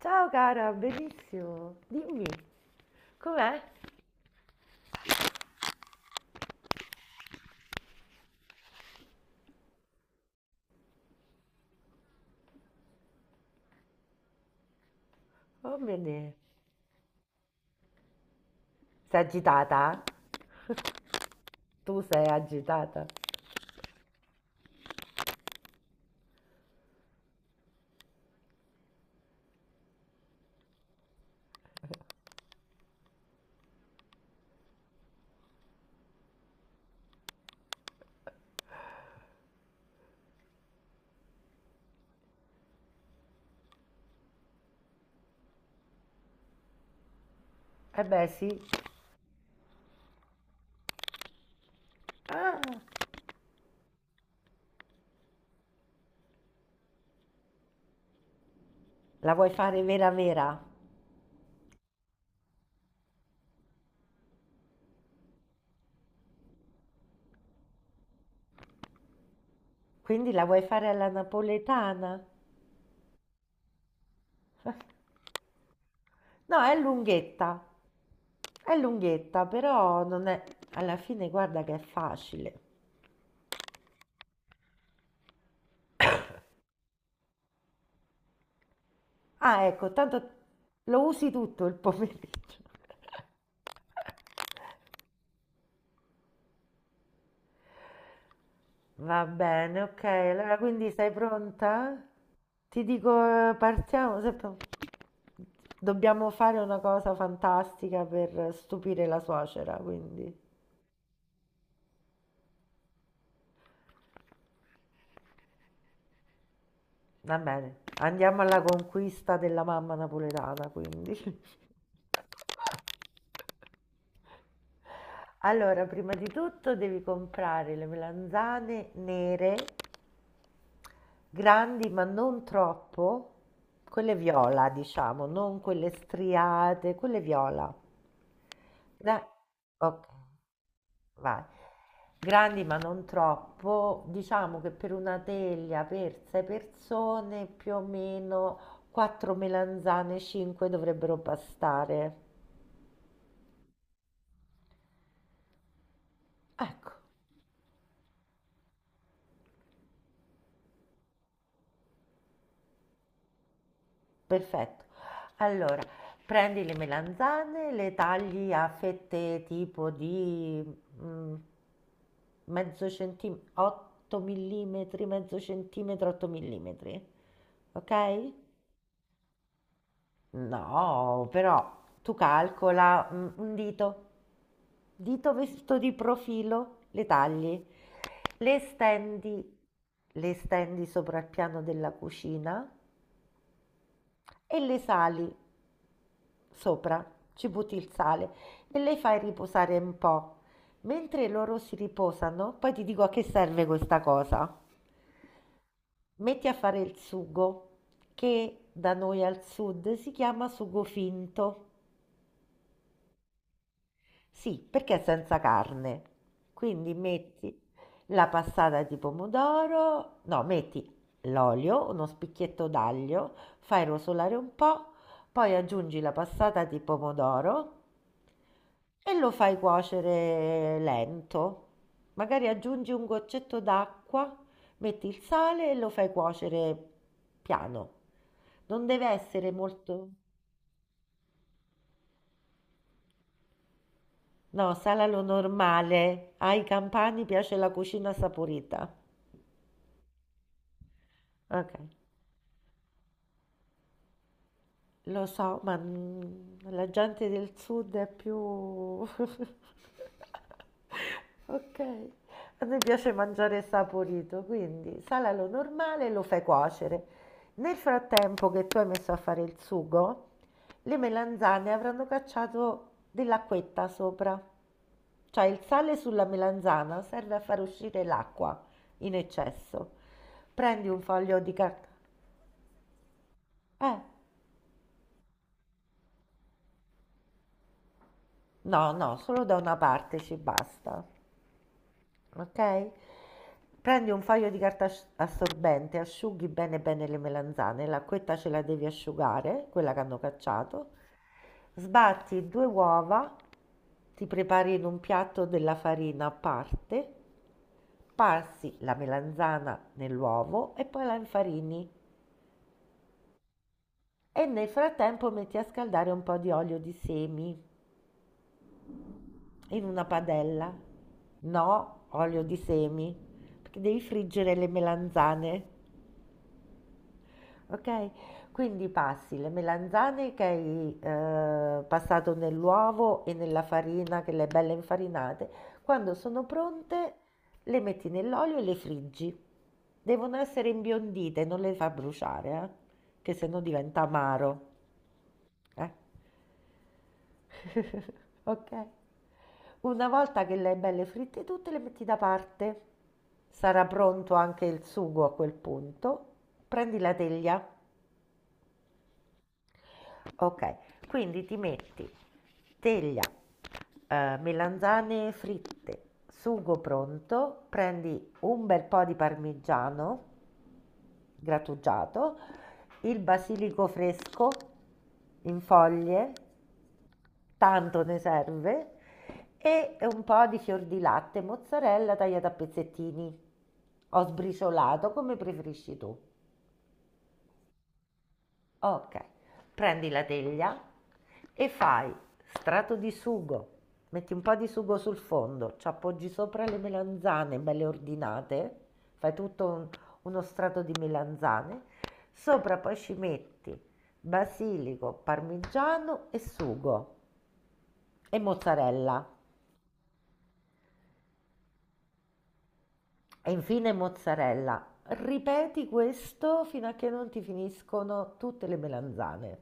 Ciao cara, benissimo. Dimmi, com'è? Va bene. Sei agitata? Tu sei agitata? Eh beh, sì. Ah, la vuoi fare vera vera? Quindi la vuoi fare alla napoletana? No, è lunghetta. È lunghetta, però non è... Alla fine guarda che è facile. Ah, ecco, tanto lo usi tutto il pomeriggio. Va bene, ok. Allora, quindi sei pronta? Ti dico, partiamo. Dobbiamo fare una cosa fantastica per stupire la suocera, quindi va bene. Andiamo alla conquista della mamma napoletana, quindi. Allora, prima di tutto devi comprare le melanzane nere, grandi ma non troppo, quelle viola, diciamo, non quelle striate, quelle viola. Da- ok. Vai. Grandi ma non troppo, diciamo che per una teglia per 6 persone più o meno 4 melanzane, 5 dovrebbero bastare. Ecco, perfetto. Allora, prendi le melanzane, le tagli a fette tipo di mm, mezzo centimetro, 8 mm, mezzo centimetro, 8 mm, ok? No, però tu calcola un dito, dito visto di profilo, le tagli, le stendi, le stendi sopra il piano della cucina e le sali sopra, ci butti il sale e le fai riposare un po'. Mentre loro si riposano, poi ti dico a che serve questa cosa. Metti a fare il sugo, che da noi al sud si chiama sugo finto. Sì, perché è senza carne. Quindi metti la passata di pomodoro, no, metti l'olio, uno spicchietto d'aglio, fai rosolare un po', poi aggiungi la passata di pomodoro e lo fai cuocere lento. Magari aggiungi un goccetto d'acqua, metti il sale e lo fai cuocere piano. Non deve essere molto... No, salalo normale. Ai campani piace la cucina saporita. Okay. Lo so, ma la gente del sud è più... Ok, a noi piace mangiare saporito, quindi sala lo normale e lo fai cuocere. Nel frattempo che tu hai messo a fare il sugo, le melanzane avranno cacciato dell'acquetta sopra. Cioè il sale sulla melanzana serve a far uscire l'acqua in eccesso. Prendi un foglio di carta. Eh. No, no, solo da una parte ci basta, ok? Prendi un foglio di carta assorbente, asciughi bene bene le melanzane, l'acquetta ce la devi asciugare, quella che hanno cacciato. Sbatti due uova, ti prepari in un piatto della farina a parte, passi la melanzana nell'uovo e poi la infarini. E nel frattempo metti a scaldare un po' di olio di semi in una padella. No, olio di semi, perché devi friggere le melanzane, ok? Quindi passi le melanzane che hai passato nell'uovo e nella farina, che le hai belle infarinate. Quando sono pronte, le metti nell'olio e le friggi. Devono essere imbiondite, non le fa bruciare, eh? Che se no diventa amaro. Eh? Ok. Una volta che le hai belle fritte tutte, le metti da parte. Sarà pronto anche il sugo a quel punto. Prendi la teglia. Ok, quindi ti metti teglia, melanzane fritte, sugo pronto, prendi un bel po' di parmigiano grattugiato, il basilico fresco in foglie, tanto ne serve, e un po' di fior di latte, mozzarella tagliata a pezzettini o sbriciolato, come preferisci tu. Ok, prendi la teglia e fai strato di sugo, metti un po' di sugo sul fondo, ci appoggi sopra le melanzane belle ordinate, fai tutto uno strato di melanzane, sopra poi ci metti basilico, parmigiano e sugo e mozzarella e infine mozzarella. Ripeti questo fino a che non ti finiscono tutte le melanzane.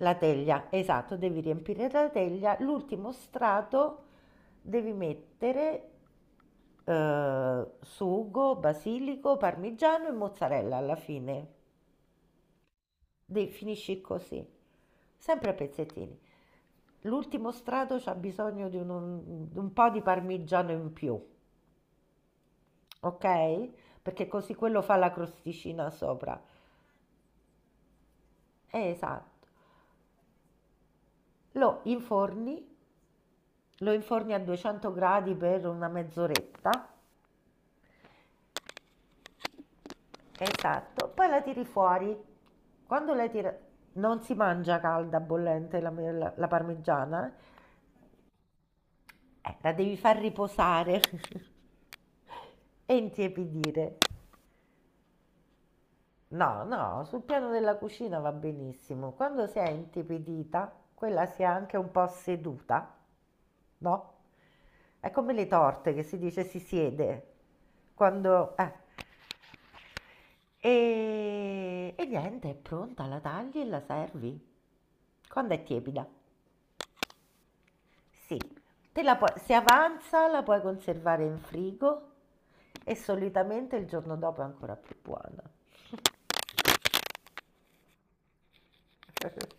La teglia, esatto, devi riempire la teglia. L'ultimo strato devi mettere sugo, basilico, parmigiano e mozzarella alla fine. Finisci così, sempre a pezzettini. L'ultimo strato c'ha bisogno di un po' di parmigiano in più, ok? Perché così quello fa la crosticina sopra. Esatto. Lo inforni, lo inforni a 200 gradi per una mezz'oretta. Esatto, poi la tiri fuori. Non si mangia calda, bollente la parmigiana, la devi far riposare e intiepidire. No, no, sul piano della cucina va benissimo. Quando si è intiepidita, quella si è anche un po' seduta, no? È come le torte che si dice si siede. Quando... eh, e niente, è pronta, la tagli e la servi. Quando è tiepida. Sì. Se avanza, la puoi conservare in frigo e solitamente il giorno dopo è ancora più buona.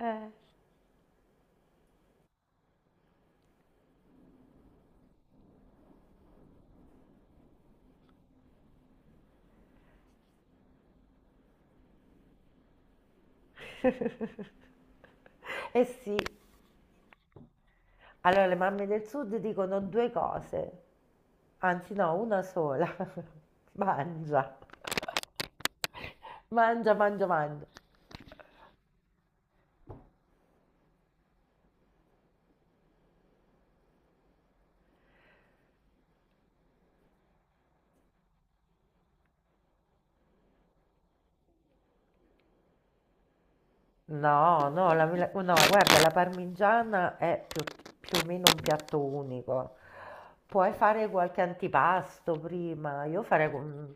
Eh. Eh sì, allora le mamme del sud dicono due cose, anzi no, una sola. Mangia, mangia, mangia, mangia. No, no, no, guarda, la parmigiana è più o meno un piatto unico. Puoi fare qualche antipasto prima.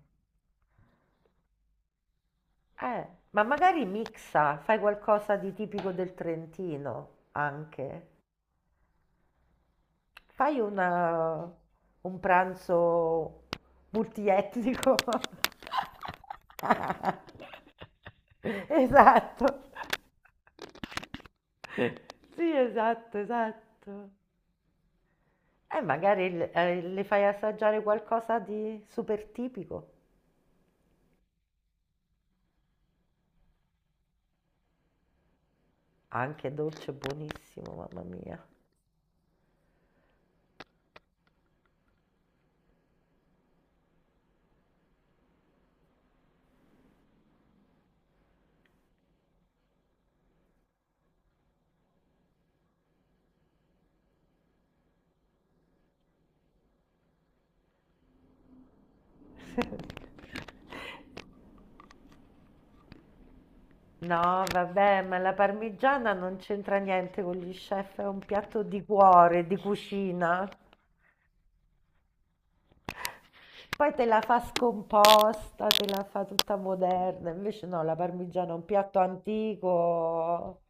Ma magari mixa, fai qualcosa di tipico del Trentino anche. Fai un pranzo multietnico. Esatto, sì, esatto, esatto. E magari le fai assaggiare qualcosa di super tipico, anche dolce, buonissimo, mamma mia. No, vabbè, ma la parmigiana non c'entra niente con gli chef, è un piatto di cuore, di cucina. Poi te la fa scomposta, te la fa tutta moderna. Invece no, la parmigiana è un piatto antico.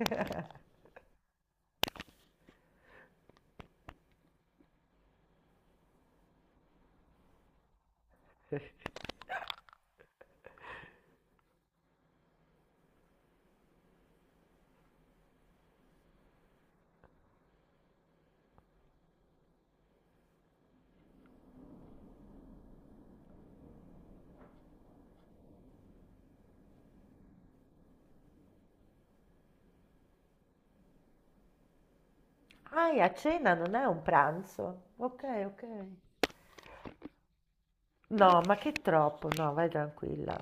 Ah, e a cena non è un pranzo. Ok, ok. No, ma che troppo, no, vai tranquilla.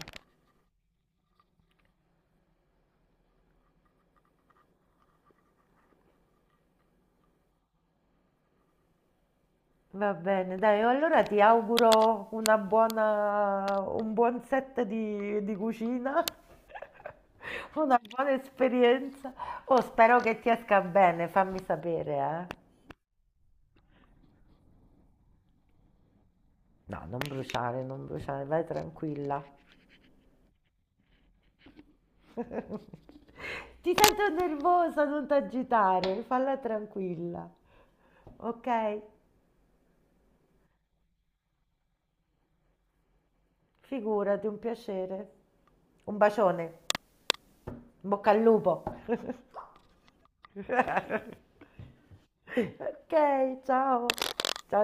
Va bene, dai, allora ti auguro un buon set di cucina, una buona esperienza. Oh, spero che ti esca bene, fammi sapere, eh. No, non bruciare, non bruciare, vai tranquilla. Ti sento nervosa, non t'agitare, falla tranquilla. Ok? Figurati, un piacere. Un bacione, in bocca al lupo. Ok, ciao.